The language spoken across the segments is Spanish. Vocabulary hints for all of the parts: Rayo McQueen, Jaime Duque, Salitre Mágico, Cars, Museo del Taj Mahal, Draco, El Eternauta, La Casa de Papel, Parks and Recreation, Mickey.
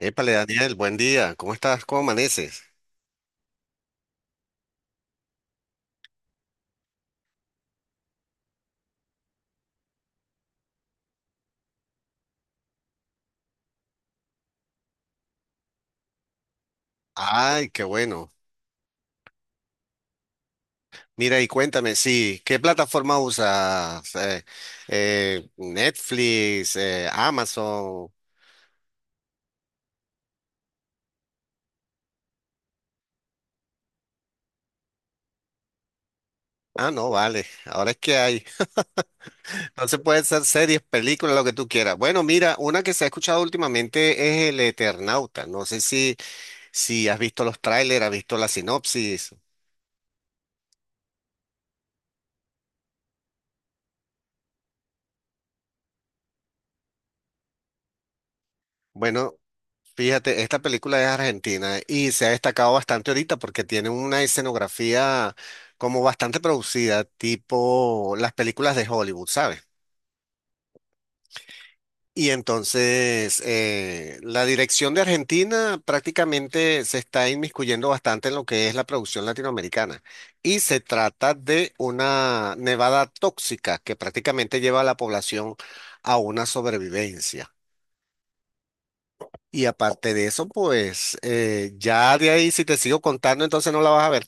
Épale, Daniel, buen día. ¿Cómo estás? ¿Cómo amaneces? Ay, qué bueno. Mira y cuéntame, sí, ¿qué plataforma usas? Netflix, Amazon. Ah, no, vale. Ahora es que hay. Entonces pueden ser series, películas, lo que tú quieras. Bueno, mira, una que se ha escuchado últimamente es El Eternauta. No sé si has visto los trailers, has visto la sinopsis. Bueno. Fíjate, esta película es argentina y se ha destacado bastante ahorita porque tiene una escenografía como bastante producida, tipo las películas de Hollywood, ¿sabes? Y entonces la dirección de Argentina prácticamente se está inmiscuyendo bastante en lo que es la producción latinoamericana. Y se trata de una nevada tóxica que prácticamente lleva a la población a una sobrevivencia. Y aparte de eso, pues ya de ahí, si te sigo contando, entonces no la vas a ver.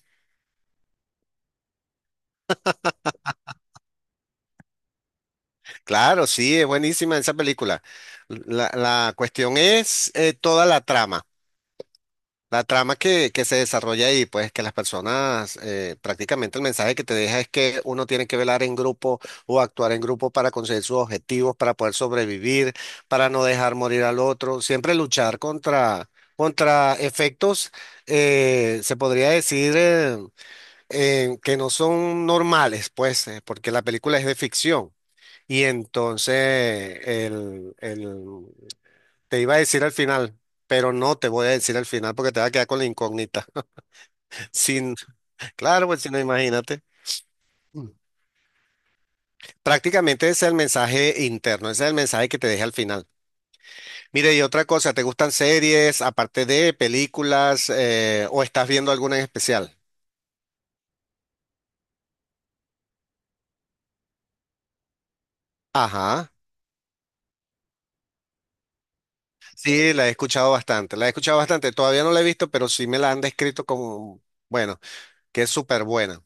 Claro, sí, es buenísima esa película. La cuestión es toda la trama, la trama que se desarrolla ahí, pues que las personas, prácticamente el mensaje que te deja es que uno tiene que velar en grupo o actuar en grupo para conseguir sus objetivos, para poder sobrevivir, para no dejar morir al otro, siempre luchar contra efectos, se podría decir que no son normales, pues, porque la película es de ficción. Y entonces te iba a decir al final, pero no te voy a decir al final porque te va a quedar con la incógnita. Sin, claro, pues si no, imagínate. Mm. Prácticamente ese es el mensaje interno, ese es el mensaje que te deja al final. Mire, y otra cosa, ¿te gustan series, aparte de películas, o estás viendo alguna en especial? Ajá. Sí, la he escuchado bastante, la he escuchado bastante. Todavía no la he visto, pero sí me la han descrito como, bueno, que es súper buena.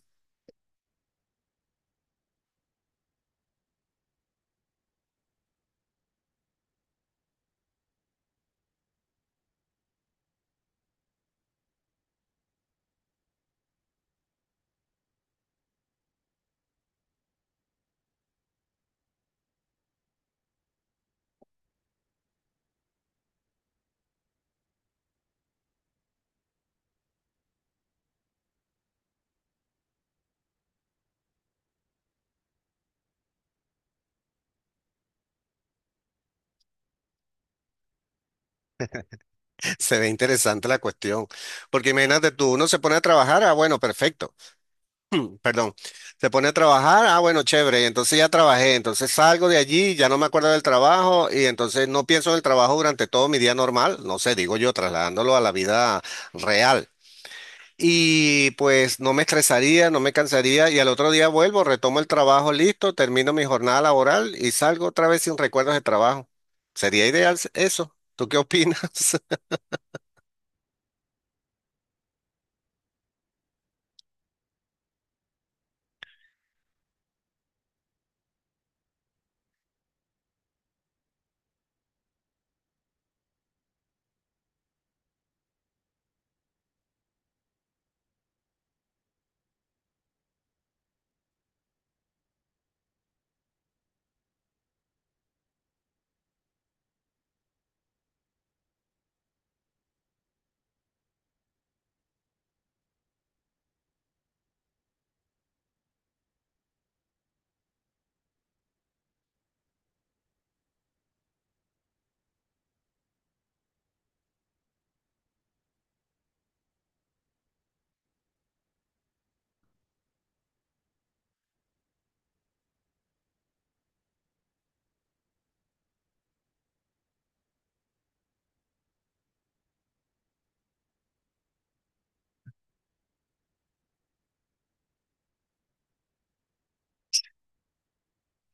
Se ve interesante la cuestión. Porque imagínate tú, uno se pone a trabajar, ah, bueno, perfecto, perdón. Se pone a trabajar, ah, bueno, chévere, entonces ya trabajé, entonces salgo de allí, ya no me acuerdo del trabajo y entonces no pienso en el trabajo durante todo mi día normal, no sé, digo yo, trasladándolo a la vida real. Y pues no me estresaría, no me cansaría y al otro día vuelvo, retomo el trabajo listo, termino mi jornada laboral y salgo otra vez sin recuerdos de trabajo. Sería eso. ¿Tú qué opinas?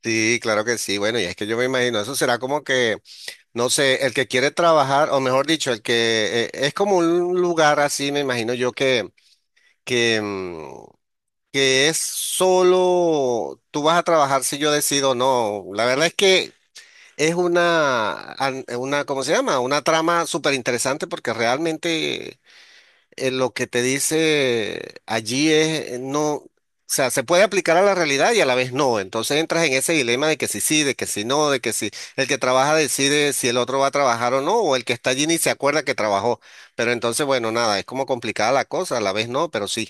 Sí, claro que sí. Bueno, y es que yo me imagino, eso será como que, no sé, el que quiere trabajar, o mejor dicho, el que es como un lugar así, me imagino yo que, mm, que es solo, tú vas a trabajar si yo decido o no. La verdad es que es una, ¿cómo se llama? Una trama súper interesante porque realmente lo que te dice allí es, no, o sea, se puede aplicar a la realidad y a la vez no. Entonces entras en ese dilema de que si sí, de que si no, de que si el que trabaja decide si el otro va a trabajar o no, o el que está allí ni se acuerda que trabajó. Pero entonces, bueno, nada, es como complicada la cosa, a la vez no, pero sí.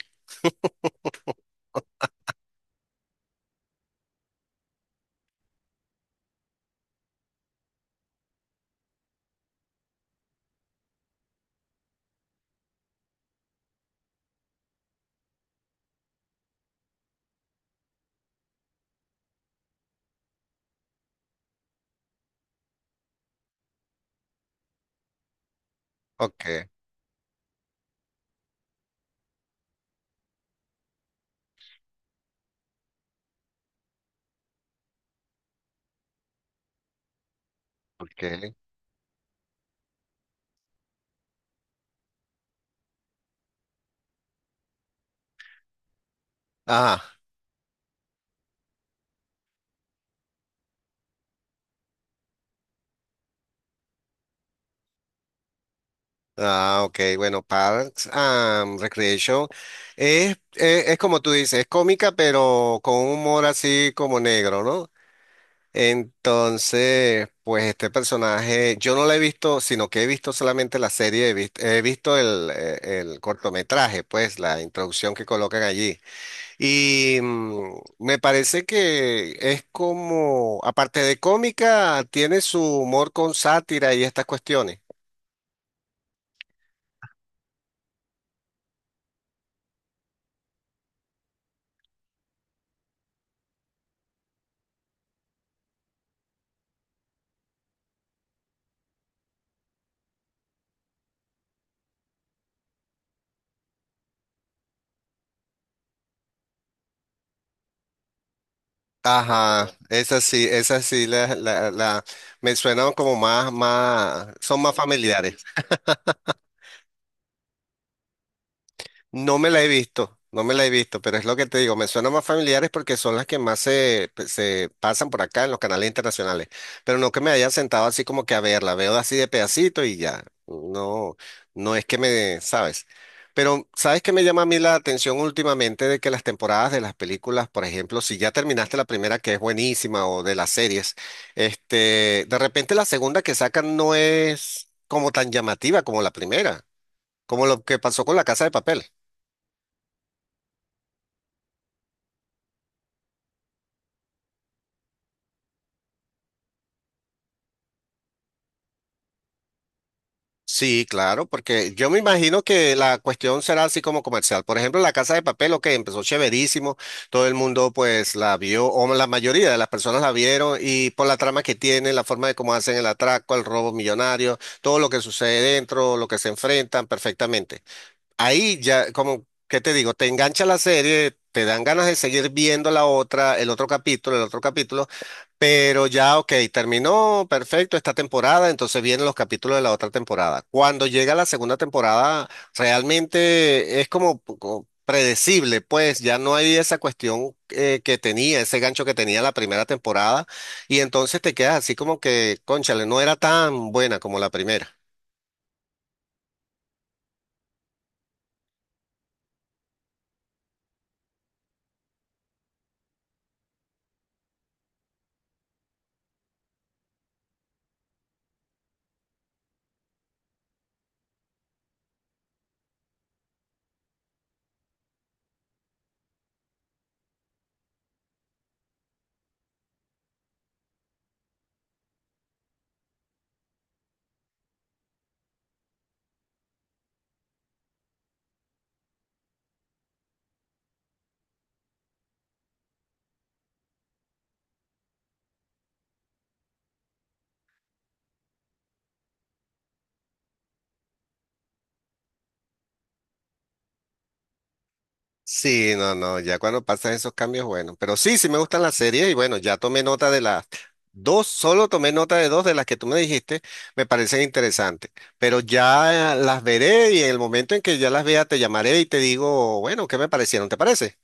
Ok, ok. Ah, ok, bueno, Parks and Recreation es como tú dices, es cómica, pero con un humor así como negro, ¿no? Entonces, pues este personaje, yo no lo he visto, sino que he visto solamente la serie, he visto el cortometraje, pues la introducción que colocan allí. Y mm, me parece que es como, aparte de cómica, tiene su humor con sátira y estas cuestiones. Ajá, esas sí, me suenan como son más familiares. No me la he visto, no me la he visto, pero es lo que te digo, me suenan más familiares porque son las que más se, pues, se pasan por acá en los canales internacionales, pero no que me haya sentado así como que a verla, veo así de pedacito y ya, no, no es que me, ¿sabes? Pero ¿sabes qué me llama a mí la atención últimamente? De que las temporadas de las películas, por ejemplo, si ya terminaste la primera que es buenísima o de las series, este, de repente la segunda que sacan no es como tan llamativa como la primera, como lo que pasó con La Casa de Papel. Sí, claro, porque yo me imagino que la cuestión será así como comercial. Por ejemplo, La Casa de Papel, ok, empezó chéverísimo, todo el mundo pues la vio, o la mayoría de las personas la vieron, y por la trama que tiene, la forma de cómo hacen el atraco, el robo millonario, todo lo que sucede dentro, lo que se enfrentan, perfectamente. Ahí ya, como, ¿qué te digo? Te engancha la serie, te dan ganas de seguir viendo la otra, el otro capítulo, el otro capítulo. Pero ya, ok, terminó, perfecto, esta temporada, entonces vienen los capítulos de la otra temporada. Cuando llega la segunda temporada, realmente es como, como predecible, pues ya no hay esa cuestión que tenía, ese gancho que tenía la primera temporada, y entonces te quedas así como que, cónchale, no era tan buena como la primera. Sí, no, no, ya cuando pasan esos cambios, bueno, pero sí, sí me gustan las series y bueno, ya tomé nota de las dos, solo tomé nota de dos de las que tú me dijiste, me parecen interesantes, pero ya las veré y en el momento en que ya las vea te llamaré y te digo, bueno, ¿qué me parecieron? ¿Te parece?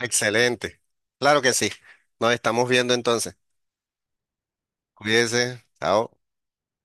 Excelente, claro que sí, nos estamos viendo entonces, cuídense, chao.